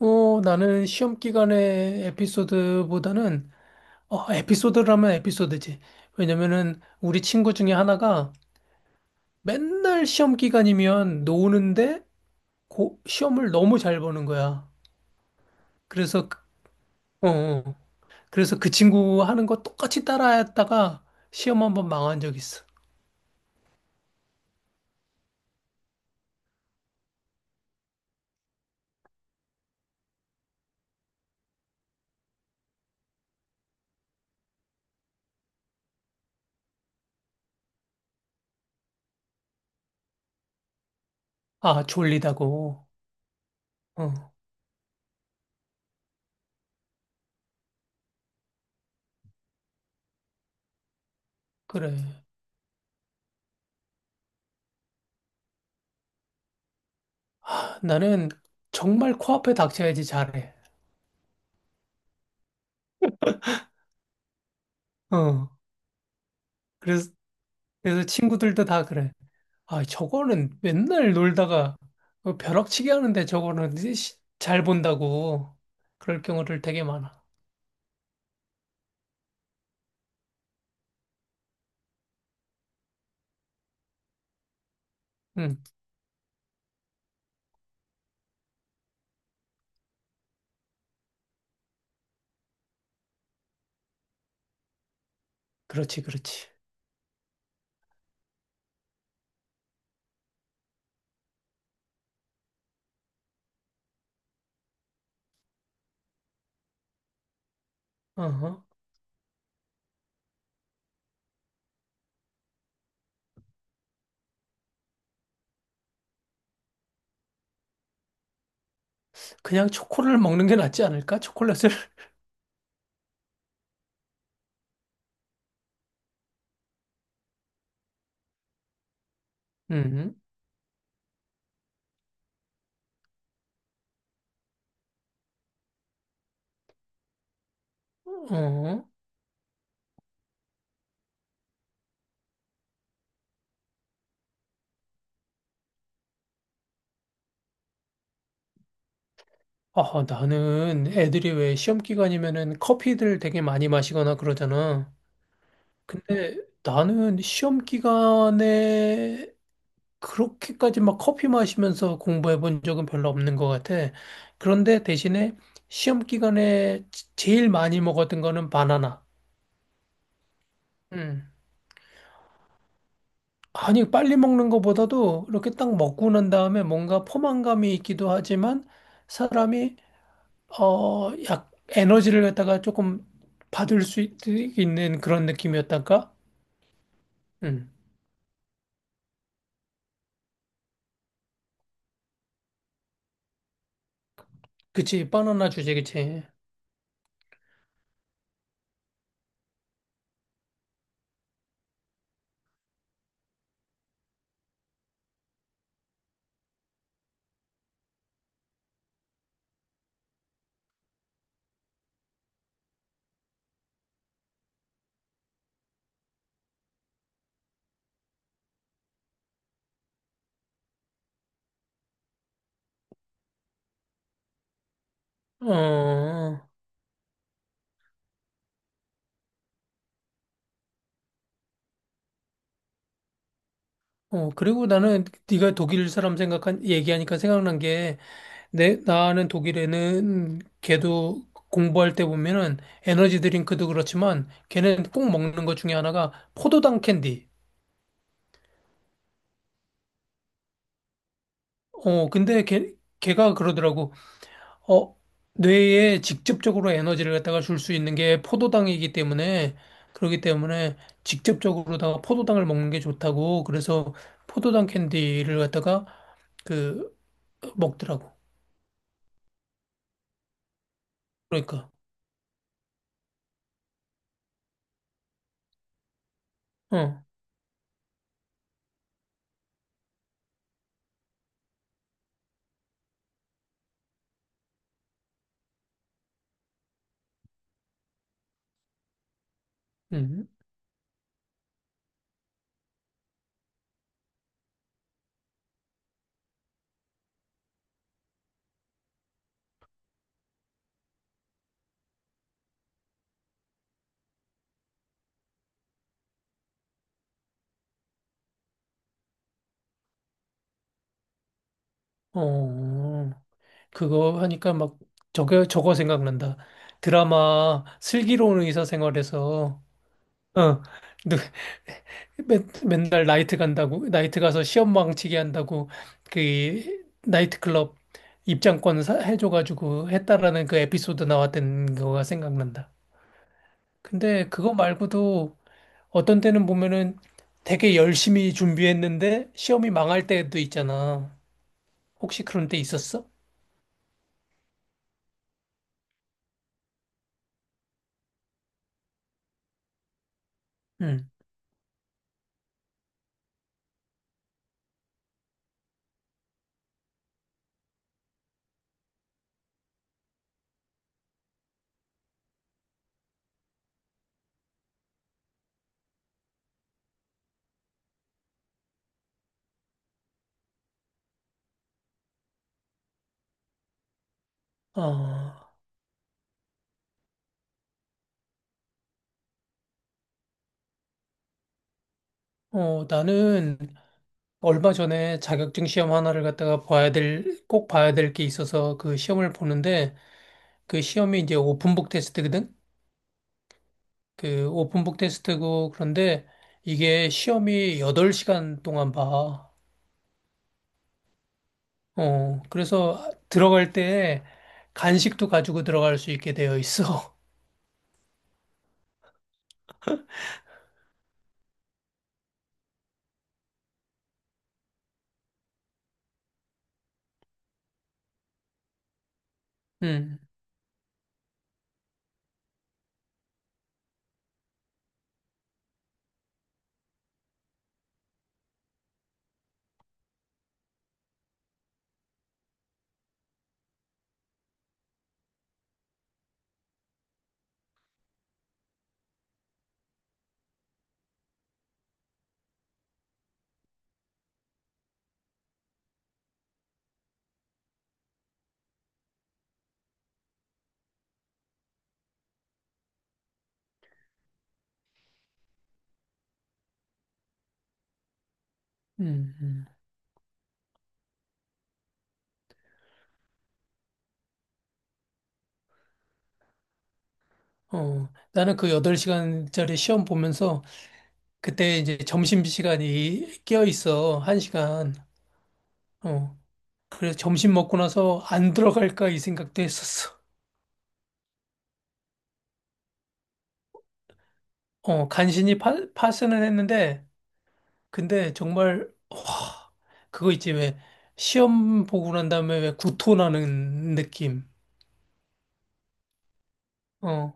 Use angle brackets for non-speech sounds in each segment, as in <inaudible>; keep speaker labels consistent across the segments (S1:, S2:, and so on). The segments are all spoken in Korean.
S1: 나는 시험 기간의 에피소드보다는, 에피소드라면 에피소드지. 왜냐면은 우리 친구 중에 하나가 맨날 시험 기간이면 노는데 시험을 너무 잘 보는 거야. 그래서, 그- 어, 어. 그래서 그 친구 하는 거 똑같이 따라했다가 시험 한번 망한 적 있어. 아, 졸리다고. 어, 그래. 나는 정말 코앞에 닥쳐야지 잘해. 어, 그래서, 그래서 친구들도 다 그래. 아, 저거는 맨날 놀다가 벼락치기 하는데 저거는 이제 잘 본다고 그럴 경우를 되게 많아. 응, 그렇지, 그렇지. 어허. 그냥 초콜릿을 먹는 게 낫지 않을까? 초콜릿을? <laughs> 음. 어. 아, 나는 애들이 왜 시험 기간이면은 커피들 되게 많이 마시거나 그러잖아. 근데 나는 시험 기간에 그렇게까지 막 커피 마시면서 공부해 본 적은 별로 없는 것 같아. 그런데 대신에 시험 기간에 제일 많이 먹었던 거는 바나나. 음. 아니, 빨리 먹는 것보다도 이렇게 딱 먹고 난 다음에 뭔가 포만감이 있기도 하지만 사람이, 에너지를 갖다가 조금 받을 수 있, 는 그런 느낌이었달까? 음. 그치, 바나나 주제, 그치. 어, 그리고 나는 네가 독일 사람 얘기하니까 생각난 게 나는 독일에는 걔도 공부할 때 보면은 에너지 드링크도 그렇지만 걔는 꼭 먹는 것 중에 하나가 포도당 캔디. 근데 걔가 그러더라고. 어, 뇌에 직접적으로 에너지를 갖다가 줄 수 있는 게 포도당이기 때문에 그렇기 때문에 직접적으로다가 포도당을 먹는 게 좋다고 그래서 포도당 캔디를 갖다가 그 먹더라고. 그러니까. 어. 음. 어. 그거 하니까 막 저거 생각난다. 드라마 슬기로운 의사생활에서 어, 누- 맨날 나이트 간다고 나이트 가서 시험 망치게 한다고 그 나이트클럽 입장권 해줘가지고 했다라는 그 에피소드 나왔던 거가 생각난다. 근데 그거 말고도 어떤 때는 보면은 되게 열심히 준비했는데 시험이 망할 때도 있잖아. 혹시 그런 때 있었어? 응. 아, 나는 얼마 전에 자격증 시험 하나를 갖다가 봐야 될, 꼭 봐야 될 게 있어서 그 시험을 보는데 그 시험이 이제 오픈북 테스트거든? 그 오픈북 테스트고 그런데 이게 시험이 8시간 동안 봐. 그래서 들어갈 때 간식도 가지고 들어갈 수 있게 되어 있어. <laughs> 음, 음, 음. 나는 그 8시간짜리 시험 보면서 그때 이제 점심시간이 껴 있어. 1시간. 그래서 점심 먹고 나서 안 들어갈까 이 생각도 했었어. 간신히 파스는 했는데, 근데 정말 그거 있지 왜 시험 보고 난 다음에 왜 구토 나는 느낌. 어,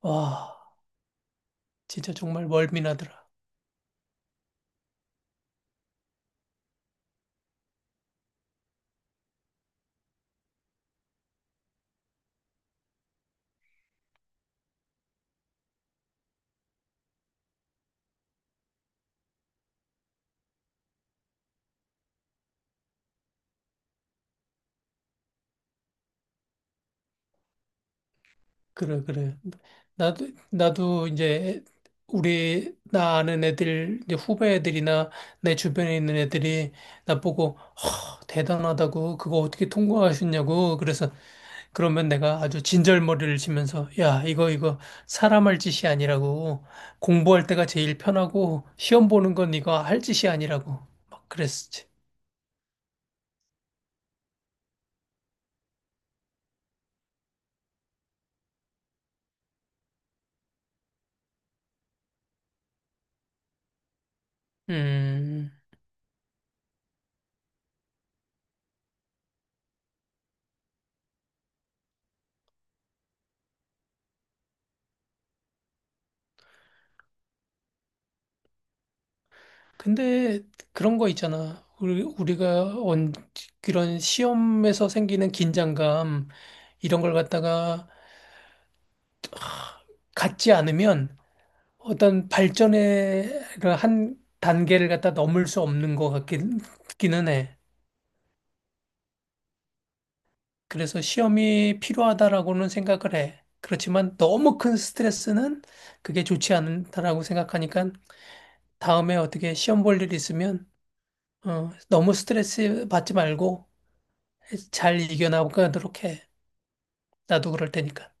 S1: 와, 진짜 정말 멀미나더라. 그래, 그래. 나도 이제 우리 나 아는 애들 이제 후배 애들이나 내 주변에 있는 애들이 나보고 허, 대단하다고 그거 어떻게 통과하셨냐고 그래서 그러면 내가 아주 진절머리를 치면서, 야, 이거, 사람 할 짓이 아니라고. 공부할 때가 제일 편하고, 시험 보는 건 이거 할 짓이 아니라고. 막 그랬었지. 음, 근데 그런 거 있잖아. 우리가 그런 시험에서 생기는 긴장감, 이런 걸 갖다가 갖지 않으면 어떤 발전의 그한 단계를 갖다 넘을 수 없는 것 기는 해. 그래서 시험이 필요하다라고는 생각을 해. 그렇지만 너무 큰 스트레스는 그게 좋지 않다라고 생각하니까 다음에 어떻게 시험 볼 일 있으면 너무 스트레스 받지 말고 잘 이겨나가도록 해. 나도 그럴 테니까.